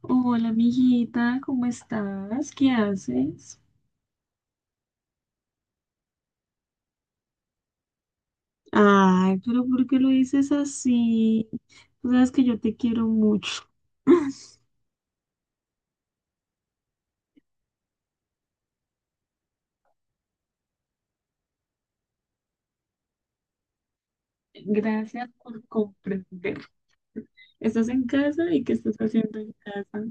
Hola, amiguita, ¿cómo estás? ¿Qué haces? Ay, pero ¿por qué lo dices así? Tú sabes que yo te quiero mucho. Gracias por comprender. ¿Estás en casa y qué estás haciendo en casa?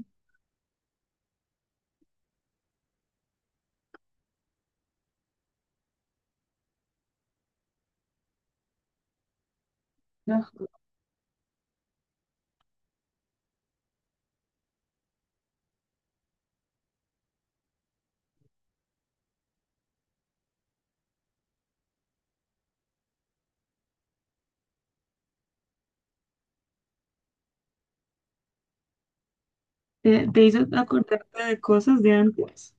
No. ¿Te hizo acordarte de cosas de antes?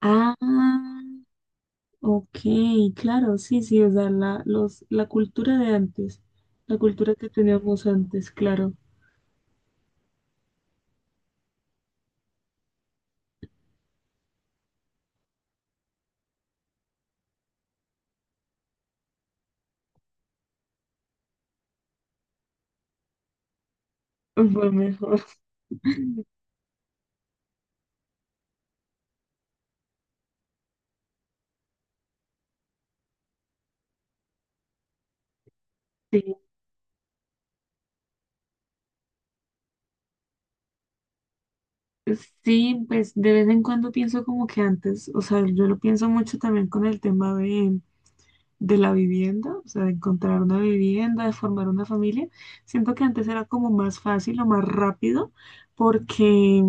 Ah, ok, claro, sí, sí, o sea, la cultura de antes, la cultura que teníamos antes, claro, fue mejor. Sí. Sí, pues de vez en cuando pienso como que antes, o sea, yo lo pienso mucho también con el tema de la vivienda, o sea, de encontrar una vivienda, de formar una familia. Siento que antes era como más fácil o más rápido porque,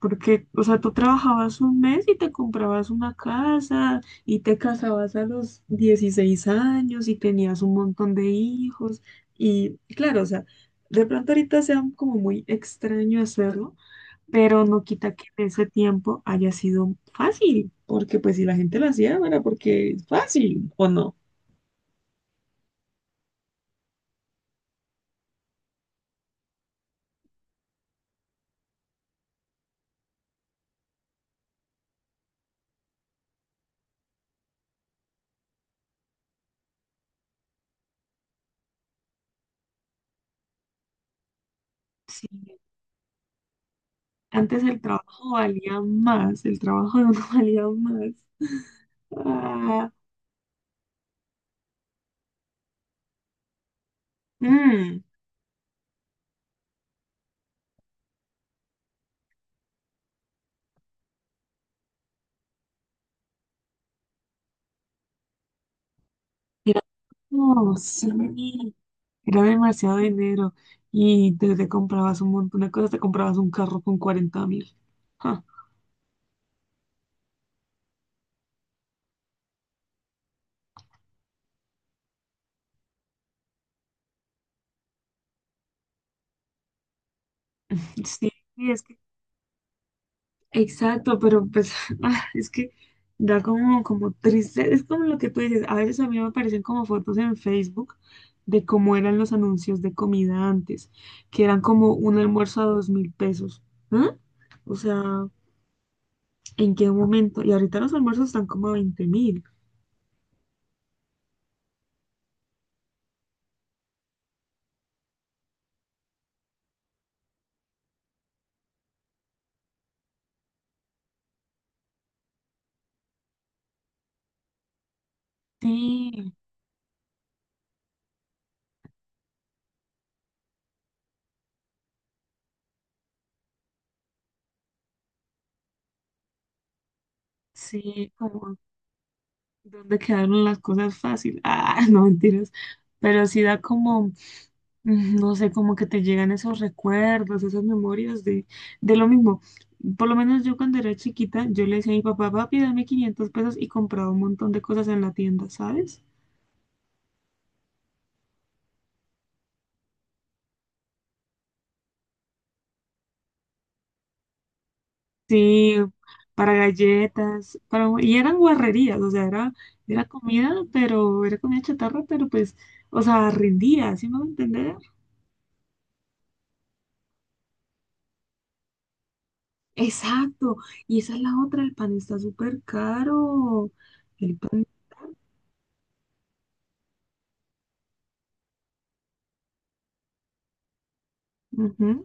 porque, o sea, tú trabajabas un mes y te comprabas una casa y te casabas a los 16 años y tenías un montón de hijos y claro, o sea, de pronto ahorita sea como muy extraño hacerlo, pero no quita que en ese tiempo haya sido fácil, porque pues si la gente lo hacía, era porque es fácil o no. Sí, antes el trabajo valía más, el trabajo no valía más. Ah, mm, era como, sí, era demasiado dinero y te comprabas un montón de cosas, te comprabas un carro con 40.000. Ah, sí, y es que, exacto, pero pues ah, es que da como, como triste, es como lo que tú dices, a veces a mí me aparecen como fotos en Facebook de cómo eran los anuncios de comida antes, que eran como un almuerzo a 2.000 pesos, ¿ah? O sea, ¿en qué momento? Y ahorita los almuerzos están como a 20.000. Sí, sí, como, donde quedaron las cosas fácil. Ah, no mentiras. Pero sí da como, no sé, como que te llegan esos recuerdos, esas memorias de lo mismo. Por lo menos yo cuando era chiquita, yo le decía a mi papá, papi, dame 500 pesos y compraba un montón de cosas en la tienda, ¿sabes? Sí, para galletas, para, y eran guarrerías, o sea, era, era comida, pero era comida chatarra, pero pues, o sea, rendía, ¿sí me va a entender? Exacto, y esa es la otra, el pan está súper caro, el pan, ujú.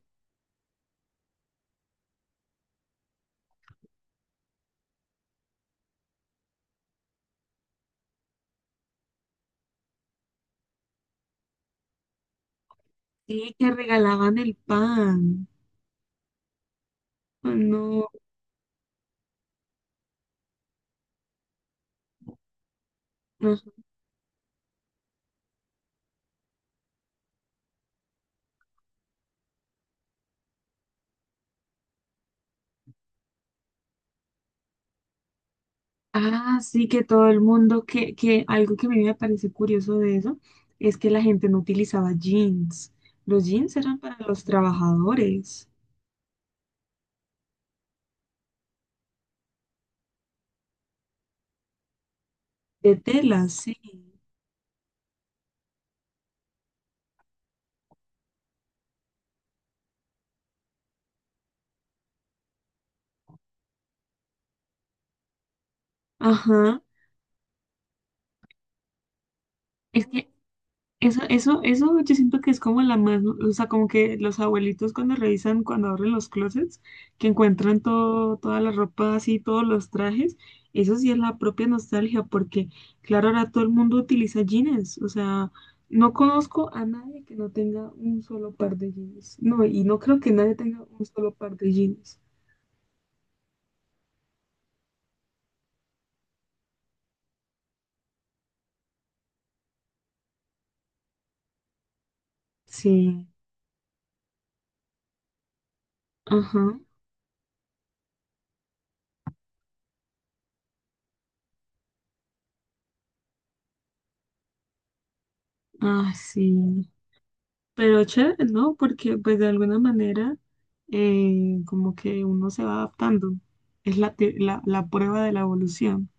Sí, que regalaban el pan. No, no. Ah, sí, que todo el mundo, que algo que a mí me parece curioso de eso es que la gente no utilizaba jeans. Los jeans eran para los trabajadores, de tela, sí. Ajá. Es que eso yo siento que es como la más, o sea, como que los abuelitos cuando revisan, cuando abren los closets, que encuentran todo, toda la ropa así, todos los trajes, eso sí es la propia nostalgia, porque claro, ahora todo el mundo utiliza jeans, o sea, no conozco a nadie que no tenga un solo par de jeans, no, y no creo que nadie tenga un solo par de jeans. Sí, ajá, ah, sí. Pero chévere, ¿no? Porque pues de alguna manera, como que uno se va adaptando. Es la prueba de la evolución.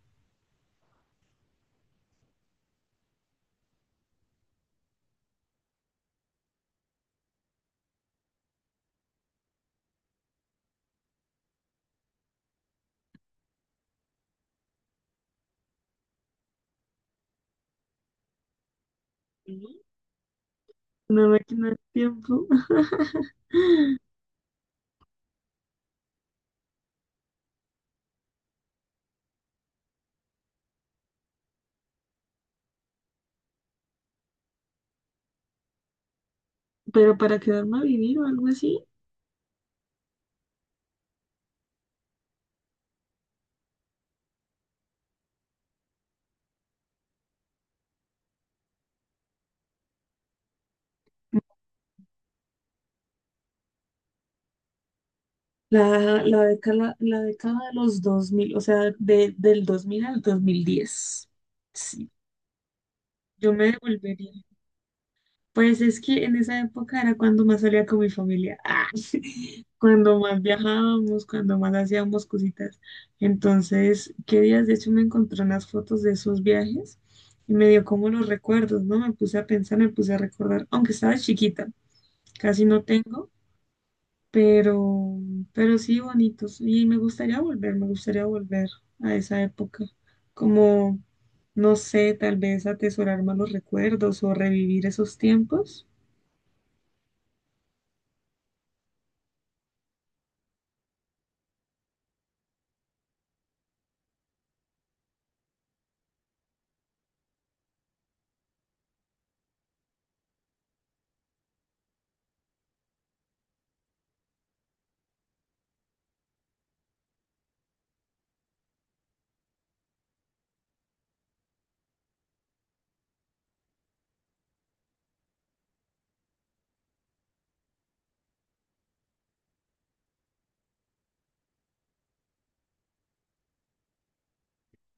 Ujú. Una máquina del tiempo. Pero para quedarme a vivir o algo así, la, la década de los 2000, o sea, del 2000 al 2010. Sí, yo me devolvería. Pues es que en esa época era cuando más salía con mi familia. Ah, cuando más viajábamos, cuando más hacíamos cositas. Entonces, qué días, de hecho, me encontré unas fotos de esos viajes y me dio como los recuerdos, ¿no? Me puse a pensar, me puse a recordar, aunque estaba chiquita, casi no tengo, pero, pero sí bonitos. Y me gustaría volver a esa época, como, no sé, tal vez atesorar más los recuerdos o revivir esos tiempos.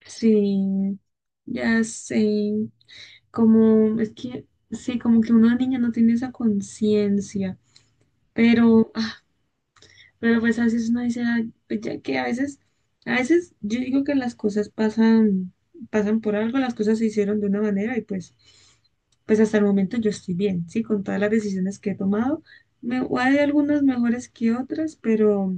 Sí, ya sé, como es que, sí, como que una niña no tiene esa conciencia, pero, ah, pero pues a veces uno dice, "Ay, pues ya que a veces, yo digo que las cosas pasan, por algo, las cosas se hicieron de una manera y pues, pues hasta el momento yo estoy bien, sí, con todas las decisiones que he tomado, hay algunas mejores que otras, pero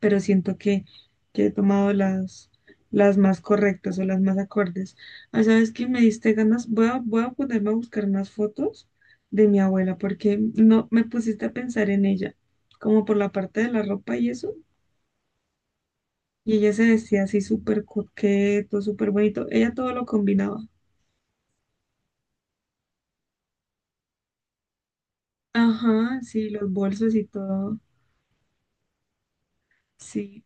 siento que, he tomado las, más correctas o las más acordes. Ah, ¿sabes qué? Me diste ganas. Voy a ponerme a buscar más fotos de mi abuela porque no me pusiste a pensar en ella, como por la parte de la ropa y eso. Y ella se vestía así súper coqueto, súper bonito. Ella todo lo combinaba. Ajá, sí, los bolsos y todo. Sí.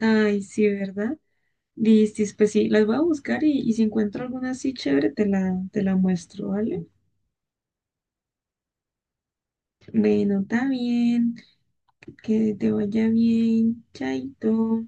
Ay, sí, ¿verdad? Listis, pues sí, las voy a buscar y, si encuentro alguna así chévere, te la muestro, ¿vale? Bueno, está bien. Que te vaya bien. Chaito.